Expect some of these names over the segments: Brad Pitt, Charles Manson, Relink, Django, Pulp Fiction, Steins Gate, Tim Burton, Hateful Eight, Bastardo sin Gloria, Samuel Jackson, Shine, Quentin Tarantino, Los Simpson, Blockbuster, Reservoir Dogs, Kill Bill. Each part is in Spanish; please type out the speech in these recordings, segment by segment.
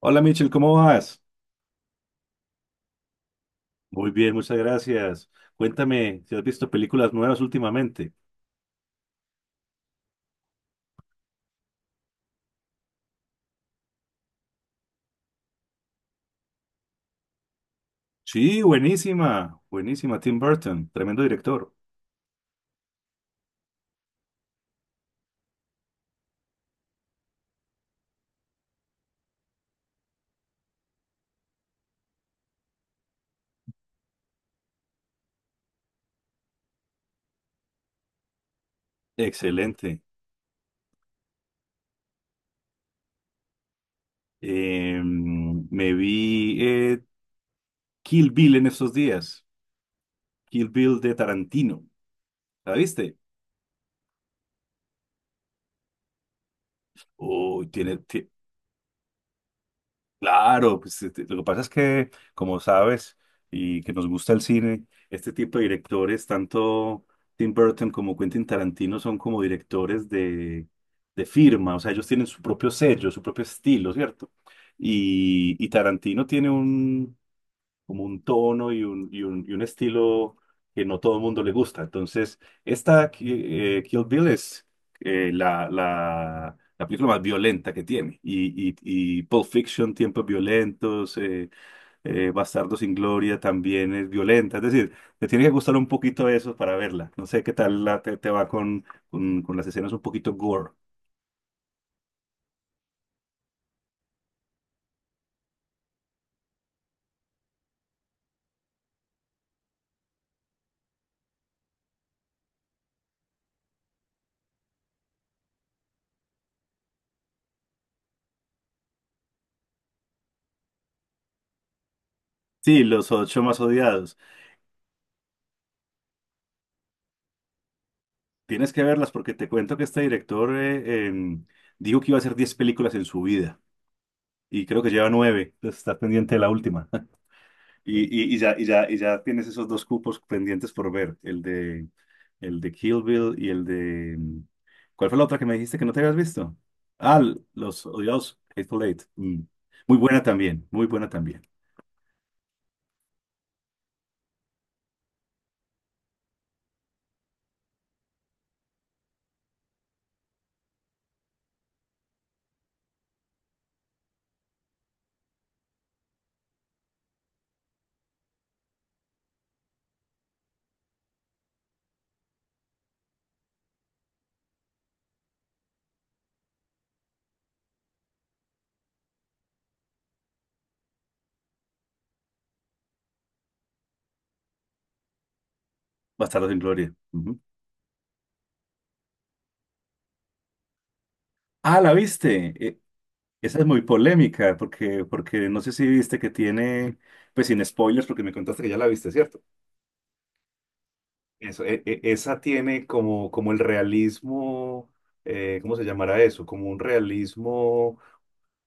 Hola Michel, ¿cómo vas? Muy bien, muchas gracias. Cuéntame si has visto películas nuevas últimamente. Sí, buenísima, buenísima. Tim Burton, tremendo director. Excelente. Me vi Kill Bill en estos días. Kill Bill de Tarantino, ¿la viste? Uy. Claro, pues este, lo que pasa es que, como sabes, y que nos gusta el cine, este tipo de directores, tanto Tim Burton como Quentin Tarantino, son como directores de firma, o sea, ellos tienen su propio sello, su propio estilo, ¿cierto? Y Tarantino tiene como un tono y un estilo que no todo el mundo le gusta. Entonces, esta Kill Bill es la, la película más violenta que tiene. Y Pulp Fiction, Tiempos Violentos, Bastardo sin Gloria también es violenta. Es decir, te tiene que gustar un poquito eso para verla. No sé qué tal te va con las escenas un poquito gore. Sí, los ocho más odiados. Tienes que verlas porque te cuento que este director dijo que iba a hacer 10 películas en su vida. Y creo que lleva nueve, entonces estás pendiente de la última. Y, y ya tienes esos dos cupos pendientes por ver, el de Kill Bill y el de... ¿Cuál fue la otra que me dijiste que no te habías visto? Ah, Los Odiados, Hateful Eight. Mm. Muy buena también, muy buena también. Bastardos sin Gloria. Ujú. Ah, ¿la viste? Esa es muy polémica, porque, porque no sé si viste que tiene, pues sin spoilers, porque me contaste que ya la viste, ¿cierto? Eso, esa tiene como, como el realismo, ¿cómo se llamará eso? Como un realismo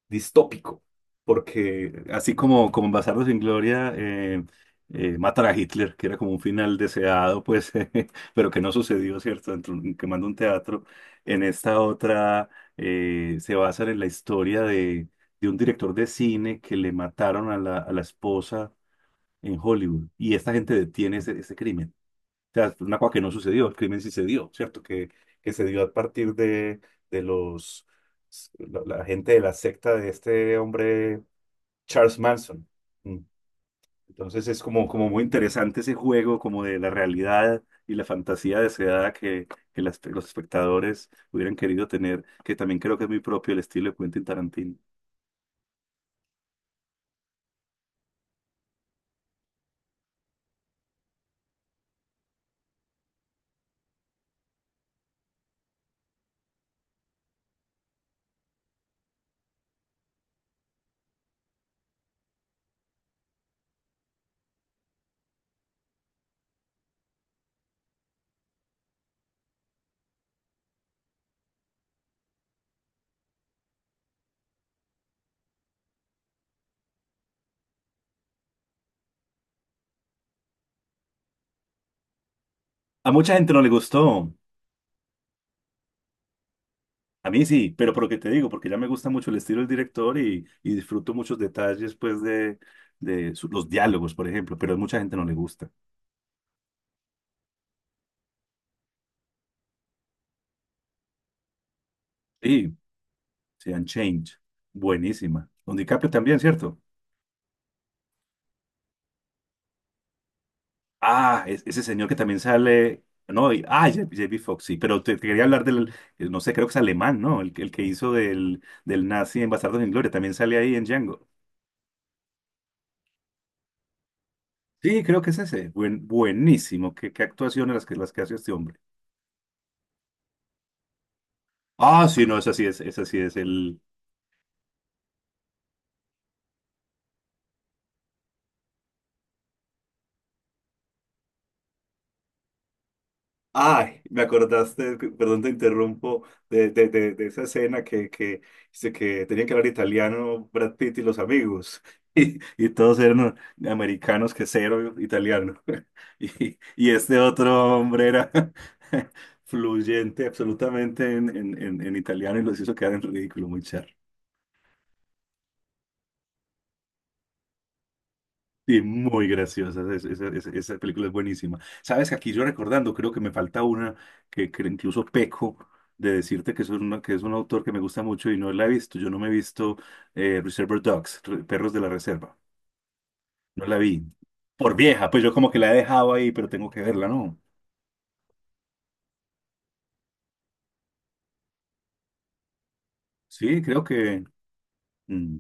distópico, porque así como, como en Bastardos sin Gloria matan a Hitler, que era como un final deseado, pues, pero que no sucedió, ¿cierto? Dentro, quemando un teatro, en esta otra se basa en la historia de un director de cine que le mataron a la esposa en Hollywood y esta gente detiene ese crimen sea, una cosa que no sucedió, el crimen sí se dio, ¿cierto? Que se dio a partir de los, la gente de la secta de este hombre, Charles Manson. Mm. Entonces es como, como muy interesante ese juego, como de la realidad y la fantasía deseada que los espectadores hubieran querido tener, que también creo que es muy propio el estilo de Quentin Tarantino. A mucha gente no le gustó. A mí sí, pero por lo que te digo, porque ya me gusta mucho el estilo del director y disfruto muchos detalles, pues, de, de los diálogos, por ejemplo, pero a mucha gente no le gusta. Sí, sí, Change, buenísima. Don DiCaprio también, ¿cierto? Ah, ese señor que también sale, no, J.B. Fox, sí, pero te quería hablar del, no sé, creo que es alemán, ¿no? El, el que hizo del, del nazi en Bastardos sin Gloria, también sale ahí en Django. Sí, creo que es ese. Buen, buenísimo. Qué, qué actuaciones las que hace este hombre. Ah, sí, no, esa sí es el, Ay, me acordaste, perdón te interrumpo, de esa escena que, dice que tenían que hablar italiano Brad Pitt y los amigos, y todos eran americanos que cero italiano, y este otro hombre era fluyente absolutamente en italiano y los hizo quedar en ridículo, muy charro. Sí, muy graciosa. Esa película es buenísima. Sabes que aquí yo recordando, creo que me falta una que incluso peco de decirte que es, una, que es un autor que me gusta mucho y no la he visto. Yo no me he visto Reservoir Dogs, Perros de la Reserva. No la vi. Por vieja, pues yo como que la he dejado ahí, pero tengo que verla, ¿no? Sí, mm,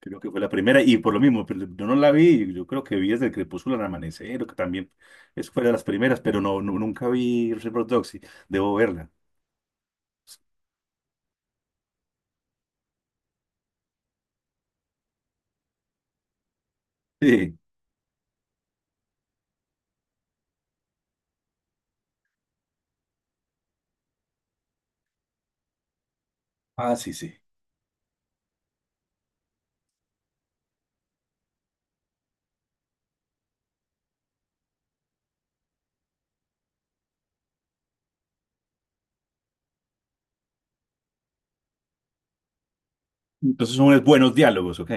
creo que fue la primera y por lo mismo, pero yo no la vi. Yo creo que vi desde el crepúsculo al amanecer, que también es fue de las primeras, pero nunca vi Reservoir Dogs y debo verla. Sí. Ah, sí, sí. Entonces son unos buenos diálogos, ¿ok?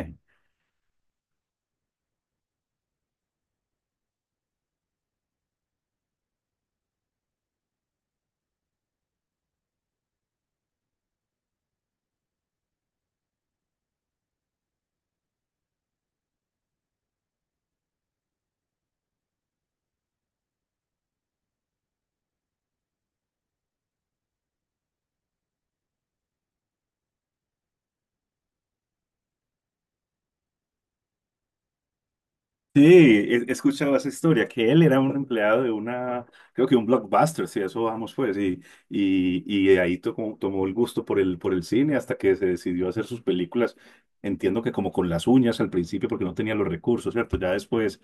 Sí, he, he escuchado esa historia, que él era un empleado de una, creo que un Blockbuster, sí, eso vamos pues, y de ahí tomó, tomó el gusto por el cine hasta que se decidió a hacer sus películas, entiendo que como con las uñas al principio porque no tenía los recursos, ¿cierto? Ya después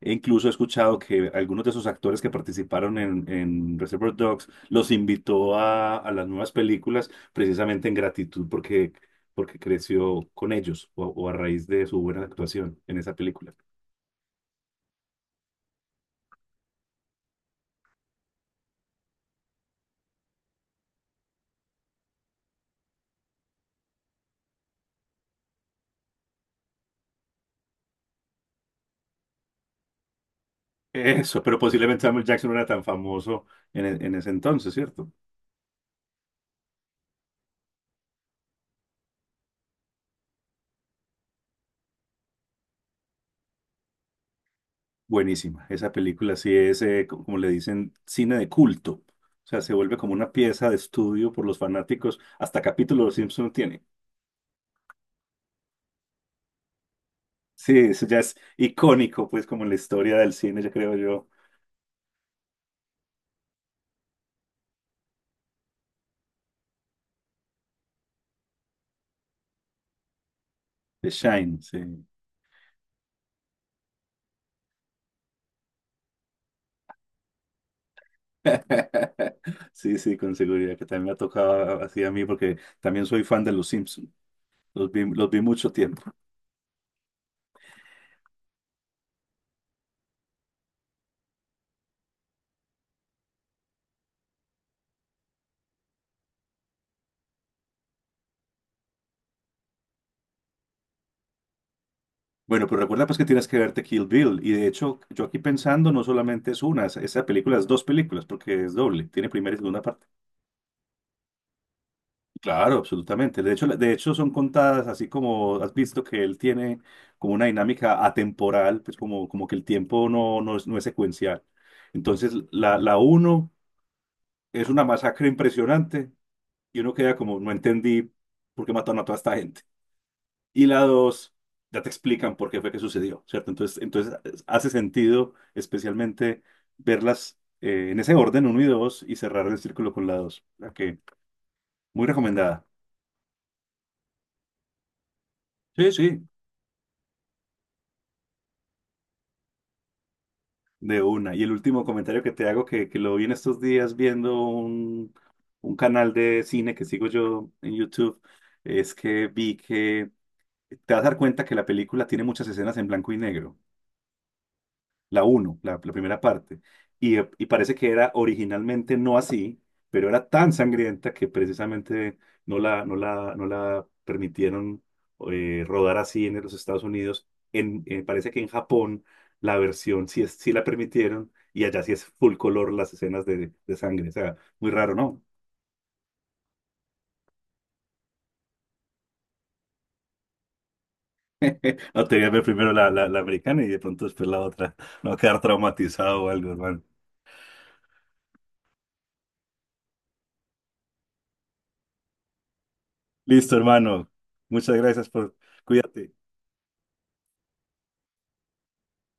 e incluso he escuchado que algunos de esos actores que participaron en Reservoir Dogs los invitó a las nuevas películas precisamente en gratitud porque, porque creció con ellos o a raíz de su buena actuación en esa película. Eso, pero posiblemente Samuel Jackson no era tan famoso en ese entonces, ¿cierto? Buenísima. Esa película sí es, como le dicen, cine de culto. O sea, se vuelve como una pieza de estudio por los fanáticos. Hasta capítulo de Los Simpson tiene. Sí, eso ya es icónico, pues, como en la historia del cine, ya creo yo, de Shine, sí. Sí, sí, con seguridad, que también me ha tocado así a mí, porque también soy fan de Los Simpson. Los vi mucho tiempo. Bueno, pero recuerda pues que tienes que verte Kill Bill. Y de hecho, yo aquí pensando, no solamente es una, esa película es dos películas, porque es doble, tiene primera y segunda parte. Claro, absolutamente. De hecho, de hecho son contadas así como has visto que él tiene como una dinámica atemporal, pues como, como que el tiempo no es secuencial. Entonces, la uno es una masacre impresionante y uno queda como, no entendí por qué mataron a toda esta gente. Y la dos, ya te explican por qué fue que sucedió, ¿cierto? Entonces, entonces hace sentido especialmente verlas en ese orden, uno y dos, y cerrar el círculo con la dos. La que, muy recomendada. Sí, sí. De una. Y el último comentario que te hago, que lo vi en estos días viendo un canal de cine que sigo yo en YouTube, es que vi que te vas a dar cuenta que la película tiene muchas escenas en blanco y negro la uno la, la primera parte. Y parece que era originalmente no así, pero era tan sangrienta que precisamente no la permitieron rodar así en los Estados Unidos. Parece que en Japón la versión sí, sí la permitieron y allá sí es full color las escenas de sangre. O sea, muy raro, ¿no? No te voy a ver primero la, la americana y de pronto después la otra. No quedar traumatizado o algo, hermano. Listo, hermano. Muchas gracias por... Cuídate.